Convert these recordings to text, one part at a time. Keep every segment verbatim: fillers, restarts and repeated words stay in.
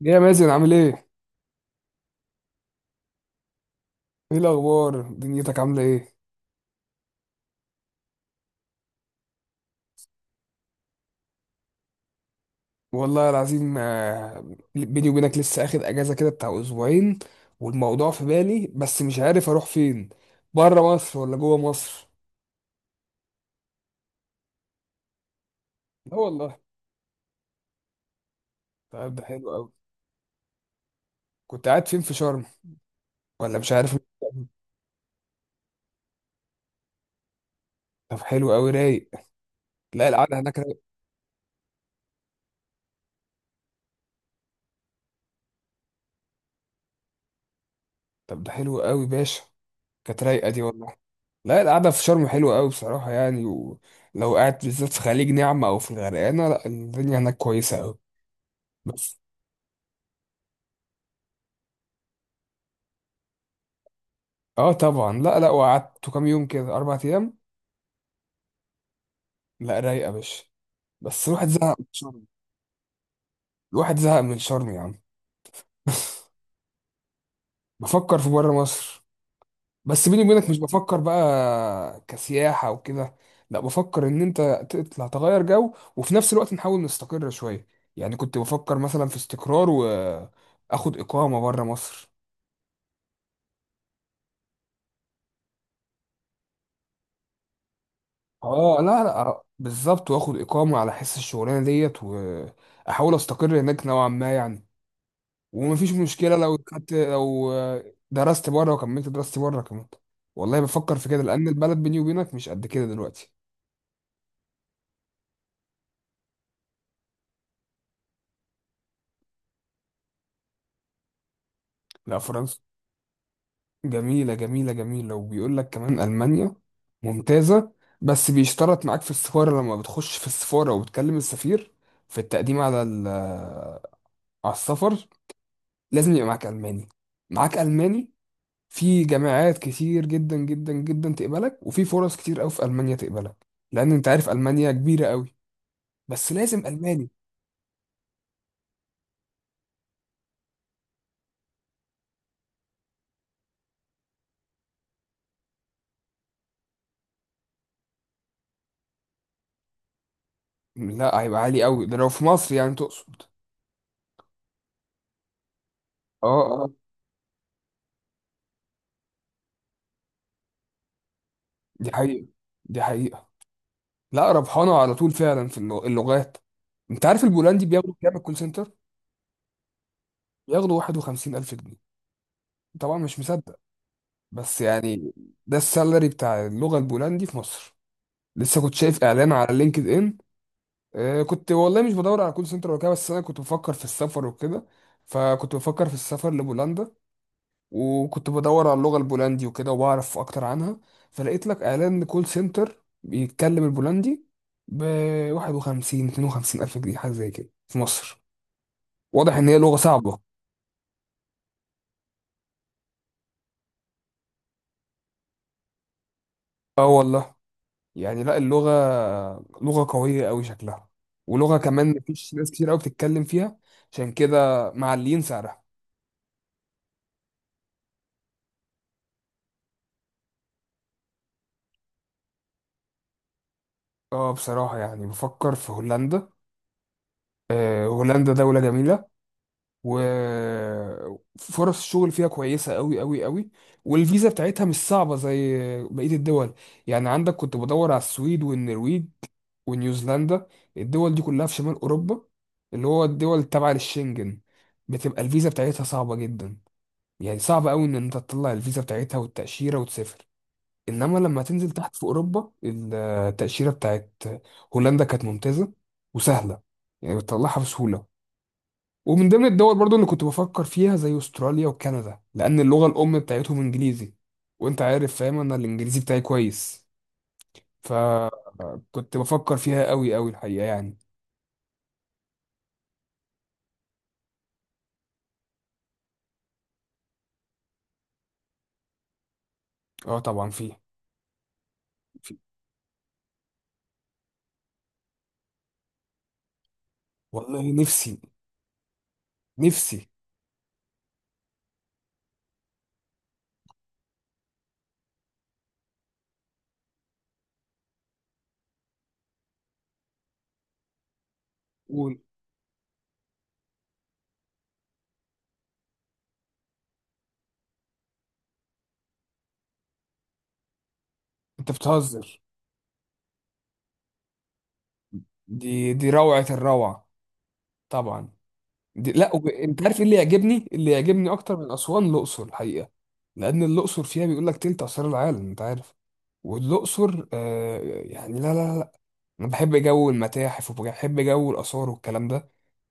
يا مازن عامل ايه؟ ايه الأخبار؟ دنيتك عاملة ايه؟ والله العظيم آه، بيني وبينك لسه اخد اجازة كده بتاع اسبوعين، والموضوع في بالي بس مش عارف اروح فين. بره مصر ولا جوه مصر؟ لا والله. طيب ده حلو قوي. كنت قاعد فين في شرم ولا مش عارف؟ طب حلو قوي، رايق. لا القعدة هناك رايق. طب ده حلو قوي باشا. كانت رايقة دي والله. لا القعدة في شرم حلوة قوي بصراحة، يعني ولو قاعد بالذات في خليج نعمة او في الغرقانة، لا الدنيا هناك كويسة قوي. اه طبعا. لا لا، وقعدت كام يوم؟ كده اربع ايام. لا رايقه يا باشا، بس الواحد زهق من شرم. الواحد زهق من شرم يا عم. بفكر في بره مصر، بس بيني وبينك مش بفكر بقى كسياحه وكده. لا بفكر ان انت تطلع تغير جو، وفي نفس الوقت نحاول نستقر شويه. يعني كنت بفكر مثلا في استقرار، واخد اقامه بره مصر. اه لا لا، بالظبط واخد اقامه على حس الشغلانه ديت، واحاول استقر هناك نوعا ما يعني. ومفيش مشكله لو خدت، لو درست بره وكملت دراستي بره كمان. والله بفكر في كده، لان البلد بيني وبينك مش قد كده دلوقتي. لا فرنسا جميله جميله جميله، وبيقول لك كمان المانيا ممتازه. بس بيشترط معاك في السفاره، لما بتخش في السفاره وبتكلم السفير، في التقديم على ال- على السفر، لازم يبقى معاك الماني، معاك الماني. في جامعات كتير جدا جدا جدا تقبلك، وفي فرص كتير قوي في المانيا تقبلك، لان انت عارف المانيا كبيره قوي. بس لازم الماني. لا هيبقى عالي قوي ده، لو في مصر يعني تقصد؟ اه اه. دي حقيقة، دي حقيقة. لا ربحانة على طول فعلا في اللغ- اللغات. انت عارف البولندي بياخدوا كام الكول سنتر؟ بياخدوا واحد وخمسين الف جنيه، طبعا مش مصدق بس يعني. ده السالري بتاع اللغة البولندي في مصر، لسه كنت شايف اعلان على لينكد ان. آه كنت والله مش بدور على كول سنتر ولا كده، بس انا كنت بفكر في السفر وكده، فكنت بفكر في السفر لبولندا، وكنت بدور على اللغة البولندي وكده وبعرف أكتر عنها، فلقيت لك إعلان كول سنتر بيتكلم البولندي ب واحد وخمسين اتنين وخمسين ألف جنيه، حاجة زي كده في مصر. واضح إن هي لغة صعبة. آه والله. يعني لا اللغة لغة قوية أوي شكلها، ولغة كمان مفيش ناس كتير أوي بتتكلم فيها، عشان كده معلين سعرها. اه بصراحة يعني بفكر في هولندا. آه هولندا دولة جميلة، وفرص الشغل فيها كويسة قوي قوي قوي، والفيزا بتاعتها مش صعبة زي بقية الدول. يعني عندك كنت بدور على السويد والنرويج ونيوزيلندا، الدول دي كلها في شمال أوروبا، اللي هو الدول تبع للشنجن، بتبقى الفيزا بتاعتها صعبة جدا. يعني صعب قوي ان انت تطلع الفيزا بتاعتها والتأشيرة وتسافر، انما لما تنزل تحت في اوروبا، التأشيرة بتاعت هولندا كانت ممتازة وسهلة، يعني بتطلعها بسهولة. ومن ضمن الدول برضو اللي كنت بفكر فيها زي استراليا وكندا، لان اللغه الام بتاعتهم انجليزي، وانت عارف فاهم انا الانجليزي بتاعي كويس، فكنت بفكر فيها قوي قوي الحقيقه يعني. اه طبعا فيه، فيه. والله نفسي نفسي. قول. انت بتهزر، دي دي روعه الروعه طبعا. دي لا، وب... انت عارف ايه اللي يعجبني؟ اللي يعجبني اكتر من اسوان الاقصر الحقيقه، لان الاقصر فيها بيقول لك تلت اسرار العالم انت عارف. والاقصر آه، يعني لا لا لا، انا بحب جو المتاحف وبحب جو الاثار والكلام ده،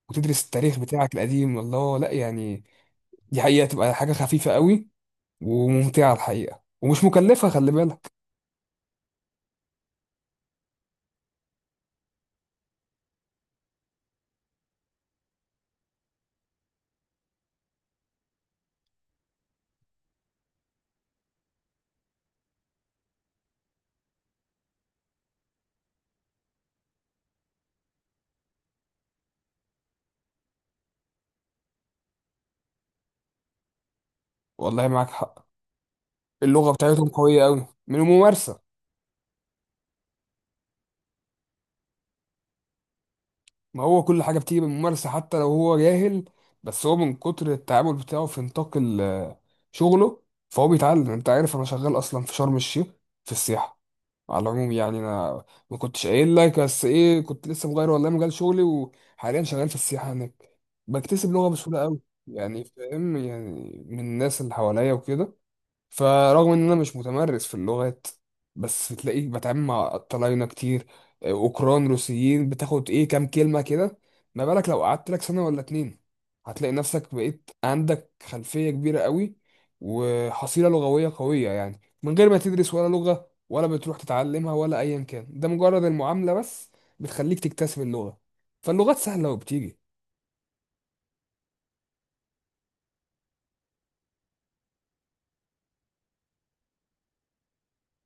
وتدرس التاريخ بتاعك القديم، الله لا يعني. دي حقيقه، تبقى حاجه خفيفه قوي وممتعه الحقيقه، ومش مكلفه خلي بالك. والله معاك حق، اللغه بتاعتهم قويه قوي من الممارسه. ما هو كل حاجه بتيجي بالممارسه، حتى لو هو جاهل، بس هو من كتر التعامل بتاعه في نطاق ال- شغله فهو بيتعلم. انت عارف انا شغال اصلا في شرم الشيخ في السياحه. على العموم يعني انا ما كنتش قايل لك، بس ايه كنت لسه مغير والله مجال شغلي، وحاليا شغال في السياحه هناك، بكتسب لغه بسهوله قوي. يعني فاهم، يعني من الناس اللي حواليا وكده. فرغم ان انا مش متمرس في اللغات، بس تلاقيك بتعامل مع طلاينة كتير، آه، اوكران، روسيين، بتاخد ايه كام كلمة كده. ما بالك لو قعدت لك سنة ولا اتنين؟ هتلاقي نفسك بقيت عندك خلفية كبيرة قوي، وحصيلة لغوية قوية، يعني من غير ما تدرس ولا لغة ولا بتروح تتعلمها ولا ايا كان، ده مجرد المعاملة بس بتخليك تكتسب اللغة. فاللغات سهلة وبتيجي.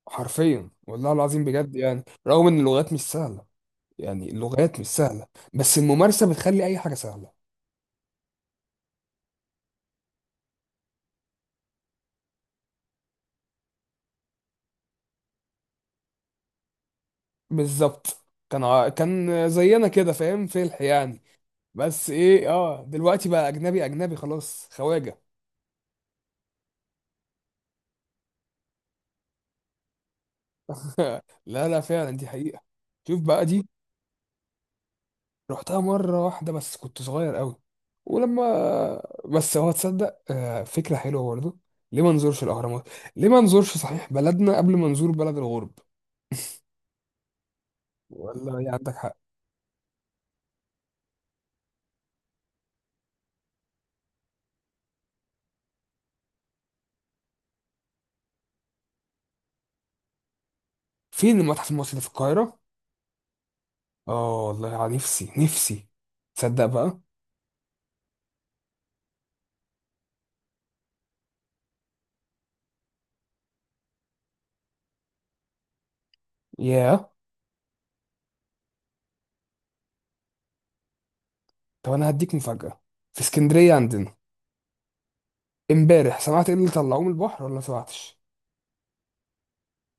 حرفيا والله العظيم بجد، يعني رغم ان اللغات مش سهلة، يعني اللغات مش سهلة، بس الممارسة بتخلي أي حاجة سهلة. بالظبط، كان ع- كان زينا كده فاهم، فلح يعني. بس إيه آه، دلوقتي بقى أجنبي أجنبي خلاص، خواجة. لا لا فعلا، دي حقيقة. شوف بقى دي. رحتها مرة واحدة بس كنت صغير قوي. ولما، بس هو تصدق آه، فكرة حلوة برضه. ليه ما نزورش الأهرامات؟ ليه ما نزورش صحيح بلدنا قبل ما نزور بلد الغرب؟ ولا يعني عندك حق. فين المتحف المصري اللي في القاهرة؟ اه والله، ع- نفسي نفسي. تصدق بقى. ياه. طب انا هديك مفاجأة. في اسكندرية عندنا، امبارح سمعت ايه اللي طلعوه من البحر ولا ما سمعتش؟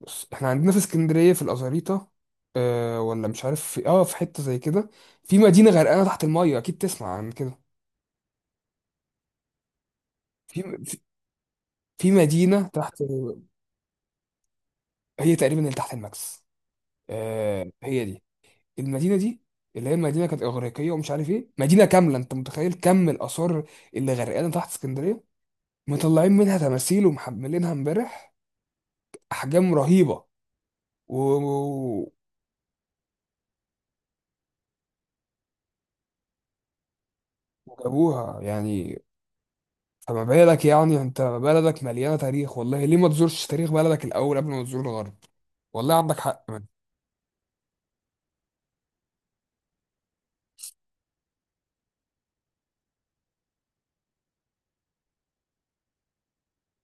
بص احنا عندنا في اسكندرية في الأزاريطة، آه ولا مش عارف، في اه في حتة زي كده. في مدينة غرقانة تحت المية، اكيد تسمع عن كده. في في في مدينة تحت، هي تقريبا اللي تحت الماكس. آه هي دي المدينة دي، اللي هي المدينة كانت إغريقية ومش عارف ايه، مدينة كاملة، انت متخيل كم الآثار اللي غرقانة تحت اسكندرية؟ مطلعين منها تماثيل ومحملينها امبارح، احجام رهيبه. و- وجابوها يعني. فما بالك يعني انت بلدك مليانه تاريخ، والله ليه ما تزورش تاريخ بلدك الاول قبل ما تزور الغرب؟ والله عندك حق من.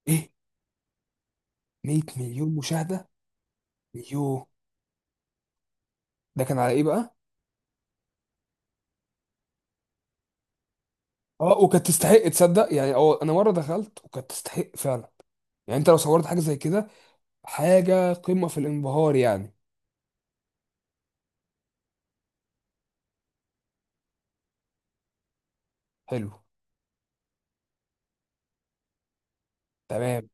ايه، مية مليون مشاهده؟ يوه. ده كان على ايه بقى؟ اه وكانت تستحق تصدق يعني. اه انا مره دخلت وكانت تستحق فعلا. يعني انت لو صورت حاجه زي كده، حاجه قمه في الانبهار يعني. حلو. تمام.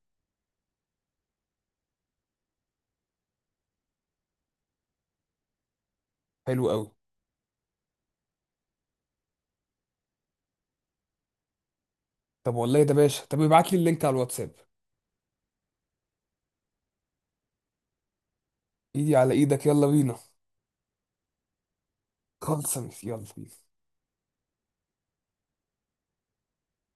حلو قوي. طب والله ده باشا، طب ابعت لي اللينك على الواتساب. ايدي على ايدك، يلا بينا. خلص. يلا بينا.